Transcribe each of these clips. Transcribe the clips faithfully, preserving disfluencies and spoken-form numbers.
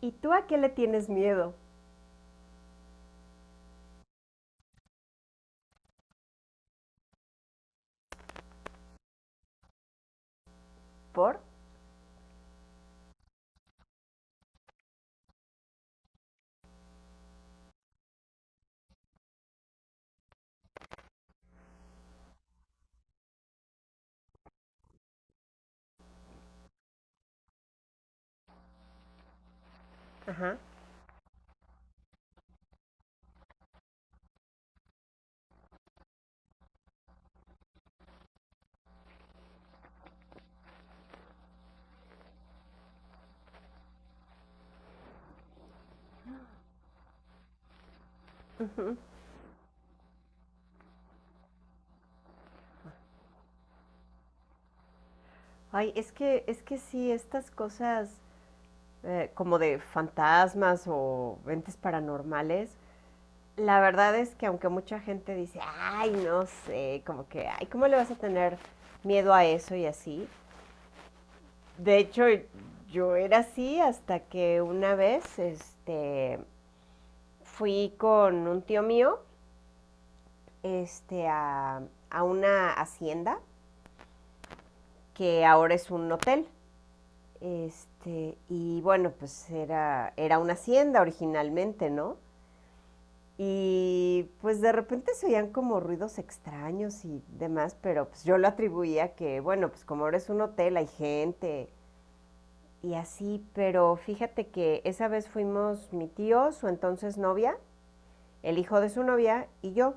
¿Y tú a qué le tienes miedo? ¿Por? Ajá. Ujú. Ay, es que, es que sí, estas cosas eh, como de fantasmas o entes paranormales, la verdad es que aunque mucha gente dice, ay, no sé, como que, ay, ¿cómo le vas a tener miedo a eso y así? De hecho, yo era así hasta que una vez, este, fui con un tío mío, este, a, a una hacienda que ahora es un hotel. Este, y bueno, pues era, era una hacienda originalmente, ¿no? Y pues de repente se oían como ruidos extraños y demás, pero pues yo lo atribuía que, bueno, pues como ahora es un hotel, hay gente y así, pero fíjate que esa vez fuimos mi tío, su entonces novia, el hijo de su novia y yo,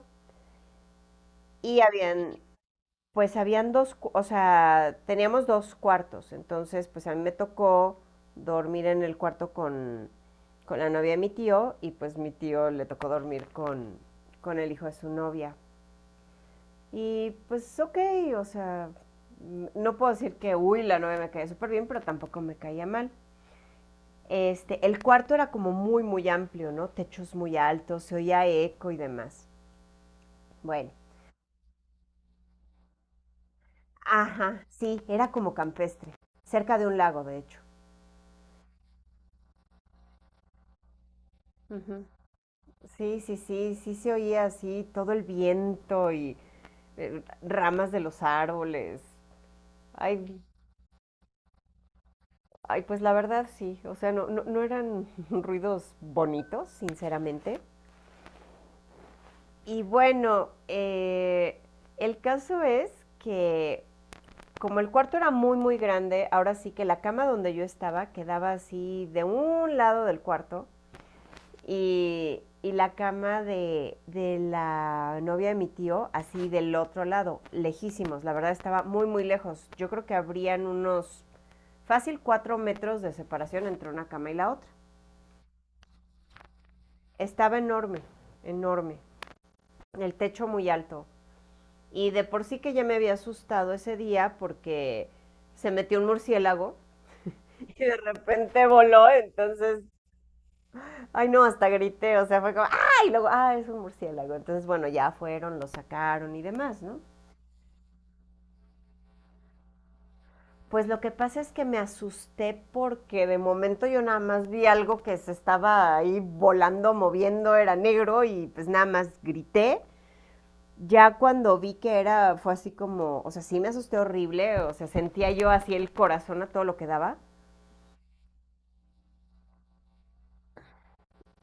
y habían pues habían dos, o sea, teníamos dos cuartos, entonces pues a mí me tocó dormir en el cuarto con, con la novia de mi tío y pues mi tío le tocó dormir con, con el hijo de su novia. Y pues ok, o sea, no puedo decir que, uy, la novia me caía súper bien, pero tampoco me caía mal. Este, el cuarto era como muy, muy amplio, ¿no? Techos muy altos, se oía eco y demás. Bueno, ajá, sí, era como campestre, cerca de un lago, de hecho. Ujú. Sí, sí, sí, sí se oía así todo el viento y eh, ramas de los árboles. Ay, ay, pues la verdad sí, o sea, no, no, no eran ruidos bonitos, sinceramente. Y bueno, eh, el caso es que como el cuarto era muy, muy grande, ahora sí que la cama donde yo estaba quedaba así de un lado del cuarto y, y, la cama de, de la novia de mi tío, así del otro lado, lejísimos, la verdad estaba muy, muy lejos. Yo creo que habrían unos fácil cuatro metros de separación entre una cama y la otra. Estaba enorme, enorme, el techo muy alto. Y de por sí que ya me había asustado ese día porque se metió un murciélago y de repente voló. Entonces, ay, no, hasta grité, o sea, fue como, ay, y luego, ah, es un murciélago. Entonces, bueno, ya fueron, lo sacaron y demás, ¿no? Pues lo que pasa es que me asusté porque de momento yo nada más vi algo que se estaba ahí volando, moviendo, era negro y pues nada más grité. Ya cuando vi que era, fue así como, o sea, sí me asusté horrible, o sea, sentía yo así el corazón a todo lo que daba.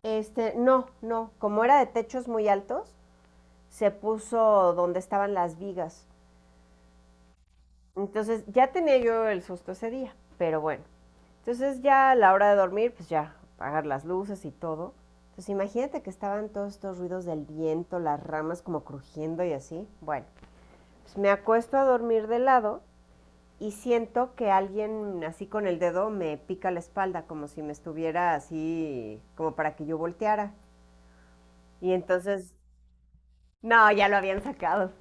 Este, no, no, como era de techos muy altos, se puso donde estaban las vigas. Entonces ya tenía yo el susto ese día, pero bueno. Entonces ya a la hora de dormir, pues ya, apagar las luces y todo. Entonces imagínate que estaban todos estos ruidos del viento, las ramas como crujiendo y así. Bueno, pues me acuesto a dormir de lado y siento que alguien así con el dedo me pica la espalda, como si me estuviera así, como para que yo volteara. Y entonces, no, ya lo habían sacado.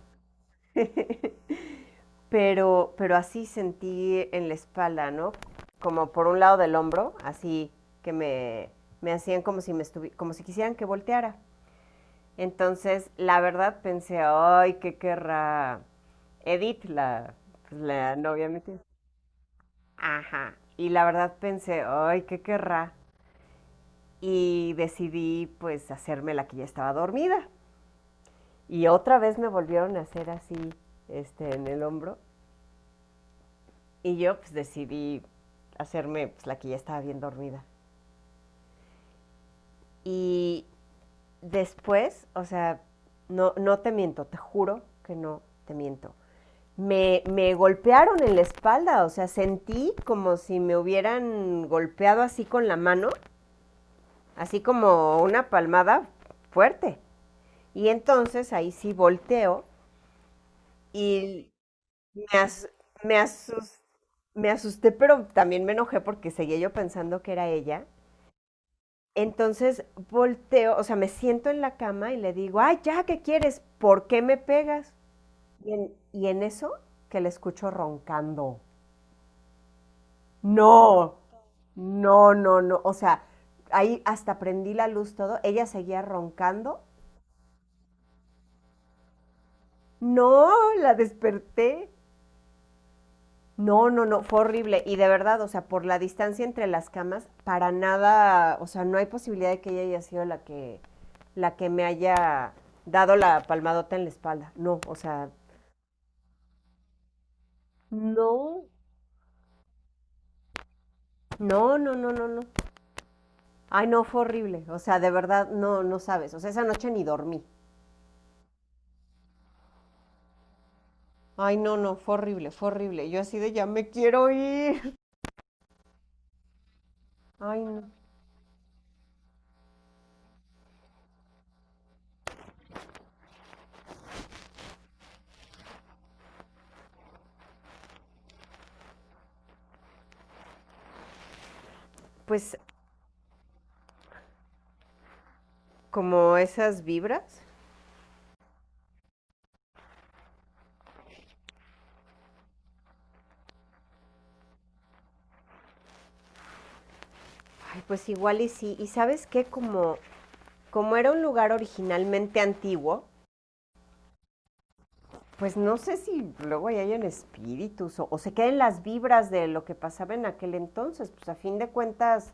pero, pero así sentí en la espalda, ¿no? Como por un lado del hombro, así que me, me, hacían como si, me estuvi- como si quisieran que volteara. Entonces, la verdad pensé, ay, ¿qué querrá Edith, la, pues, la novia de mi tío? Ajá. Y la verdad pensé, ay, ¿qué querrá? Y decidí, pues, hacerme la que ya estaba dormida. Y otra vez me volvieron a hacer así, este, en el hombro. Y yo pues decidí hacerme pues, la que ya estaba bien dormida. Y después, o sea, no, no te miento, te juro que no te miento. Me, me golpearon en la espalda, o sea, sentí como si me hubieran golpeado así con la mano, así como una palmada fuerte. Y entonces ahí sí volteo y me, as- me, asus- me asusté, pero también me enojé porque seguía yo pensando que era ella. Entonces volteo, o sea, me siento en la cama y le digo, ay, ya, ¿qué quieres? ¿Por qué me pegas? Y en, y en eso que le escucho roncando. No, no, no, no. O sea, ahí hasta prendí la luz todo. Ella seguía roncando. No, la desperté. No, no, no, fue horrible. Y de verdad, o sea, por la distancia entre las camas, para nada, o sea, no hay posibilidad de que ella haya sido la que, la que me haya dado la palmadota en la espalda. No, o sea, no, no, no, no, no, no. Ay, no, fue horrible. O sea, de verdad, no, no sabes. O sea, esa noche ni dormí. Ay, no, no, fue horrible, fue horrible. Yo así de ya me quiero ir. Ay, no. Pues como esas vibras. Ay, pues igual y sí. Y sabes qué, como como era un lugar originalmente antiguo, pues no sé si luego ya hayan espíritus o, o se queden las vibras de lo que pasaba en aquel entonces. Pues a fin de cuentas,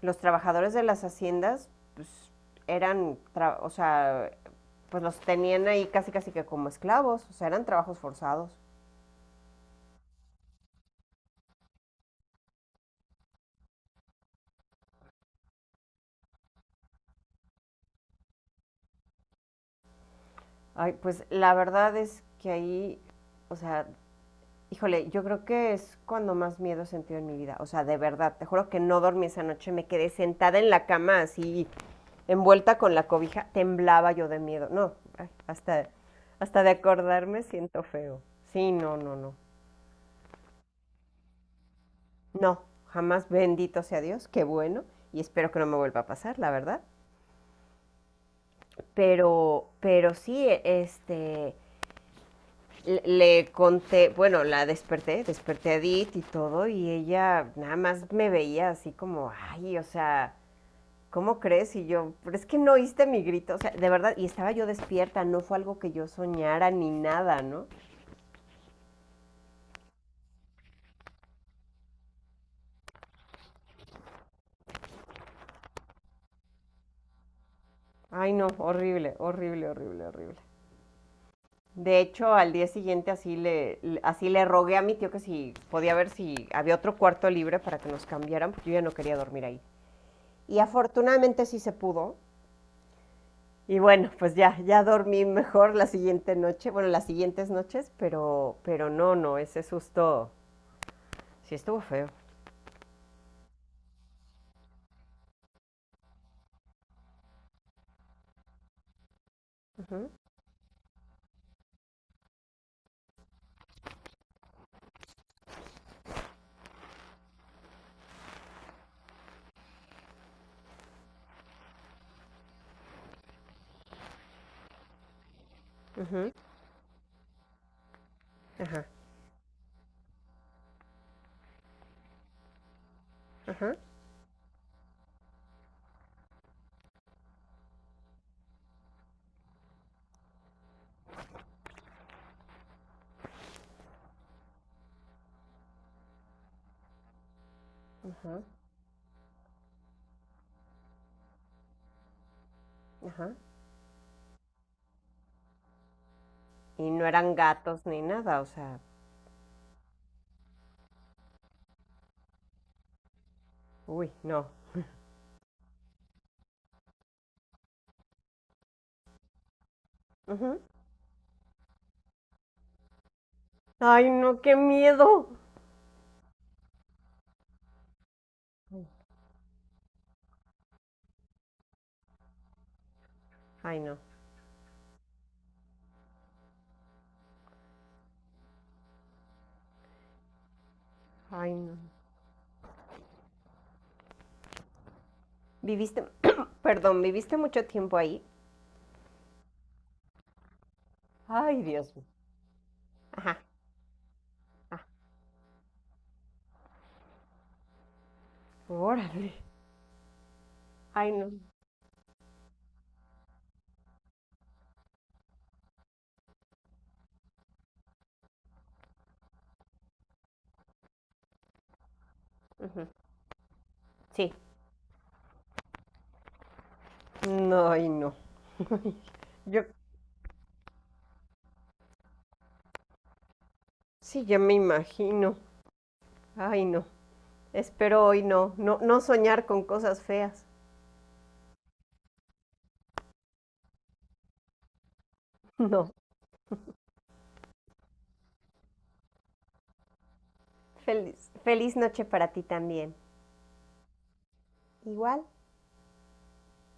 los trabajadores de las haciendas, pues eran, o sea, pues los tenían ahí casi casi que como esclavos, o sea, eran trabajos forzados. Ay, pues la verdad es que ahí, o sea, híjole, yo creo que es cuando más miedo he sentido en mi vida, o sea, de verdad, te juro que no dormí esa noche, me quedé sentada en la cama así envuelta con la cobija, temblaba yo de miedo. No, hasta, hasta de acordarme siento feo. Sí, no, no, no. No, jamás, bendito sea Dios, qué bueno. Y espero que no me vuelva a pasar, la verdad. Pero, pero sí, este, le- le conté, bueno, la desperté, desperté, a Edith y todo, y ella nada más me veía así como, ay, o sea, ¿cómo crees? Y yo, pero es que no oíste mi grito, o sea, de verdad, y estaba yo despierta, no fue algo que yo soñara ni nada, ¿no? Ay, no, horrible, horrible, horrible, horrible. De hecho, al día siguiente así le, así le rogué a mi tío que si podía ver si había otro cuarto libre para que nos cambiaran, porque yo ya no quería dormir ahí. Y afortunadamente sí se pudo. Y bueno, pues ya, ya, dormí mejor la siguiente noche, bueno, las siguientes noches, pero, pero no, no, ese susto sí estuvo feo. Ujú, ujú, ajá, ajá, ajá, ajá. Y no eran gatos ni nada, o sea, uy, no. Ujú. Ay, no, qué miedo. Ay, no. Ay, no. ¿Viviste, perdón, viviste mucho tiempo ahí? Ay, Dios mío. Ajá. Ah, órale. Ay, no. Ujú, sí. No, ay, no. Yo sí, ya me imagino. Ay, no. Espero hoy no, no, no soñar con cosas feas. No. Feliz, feliz noche para ti también. Igual.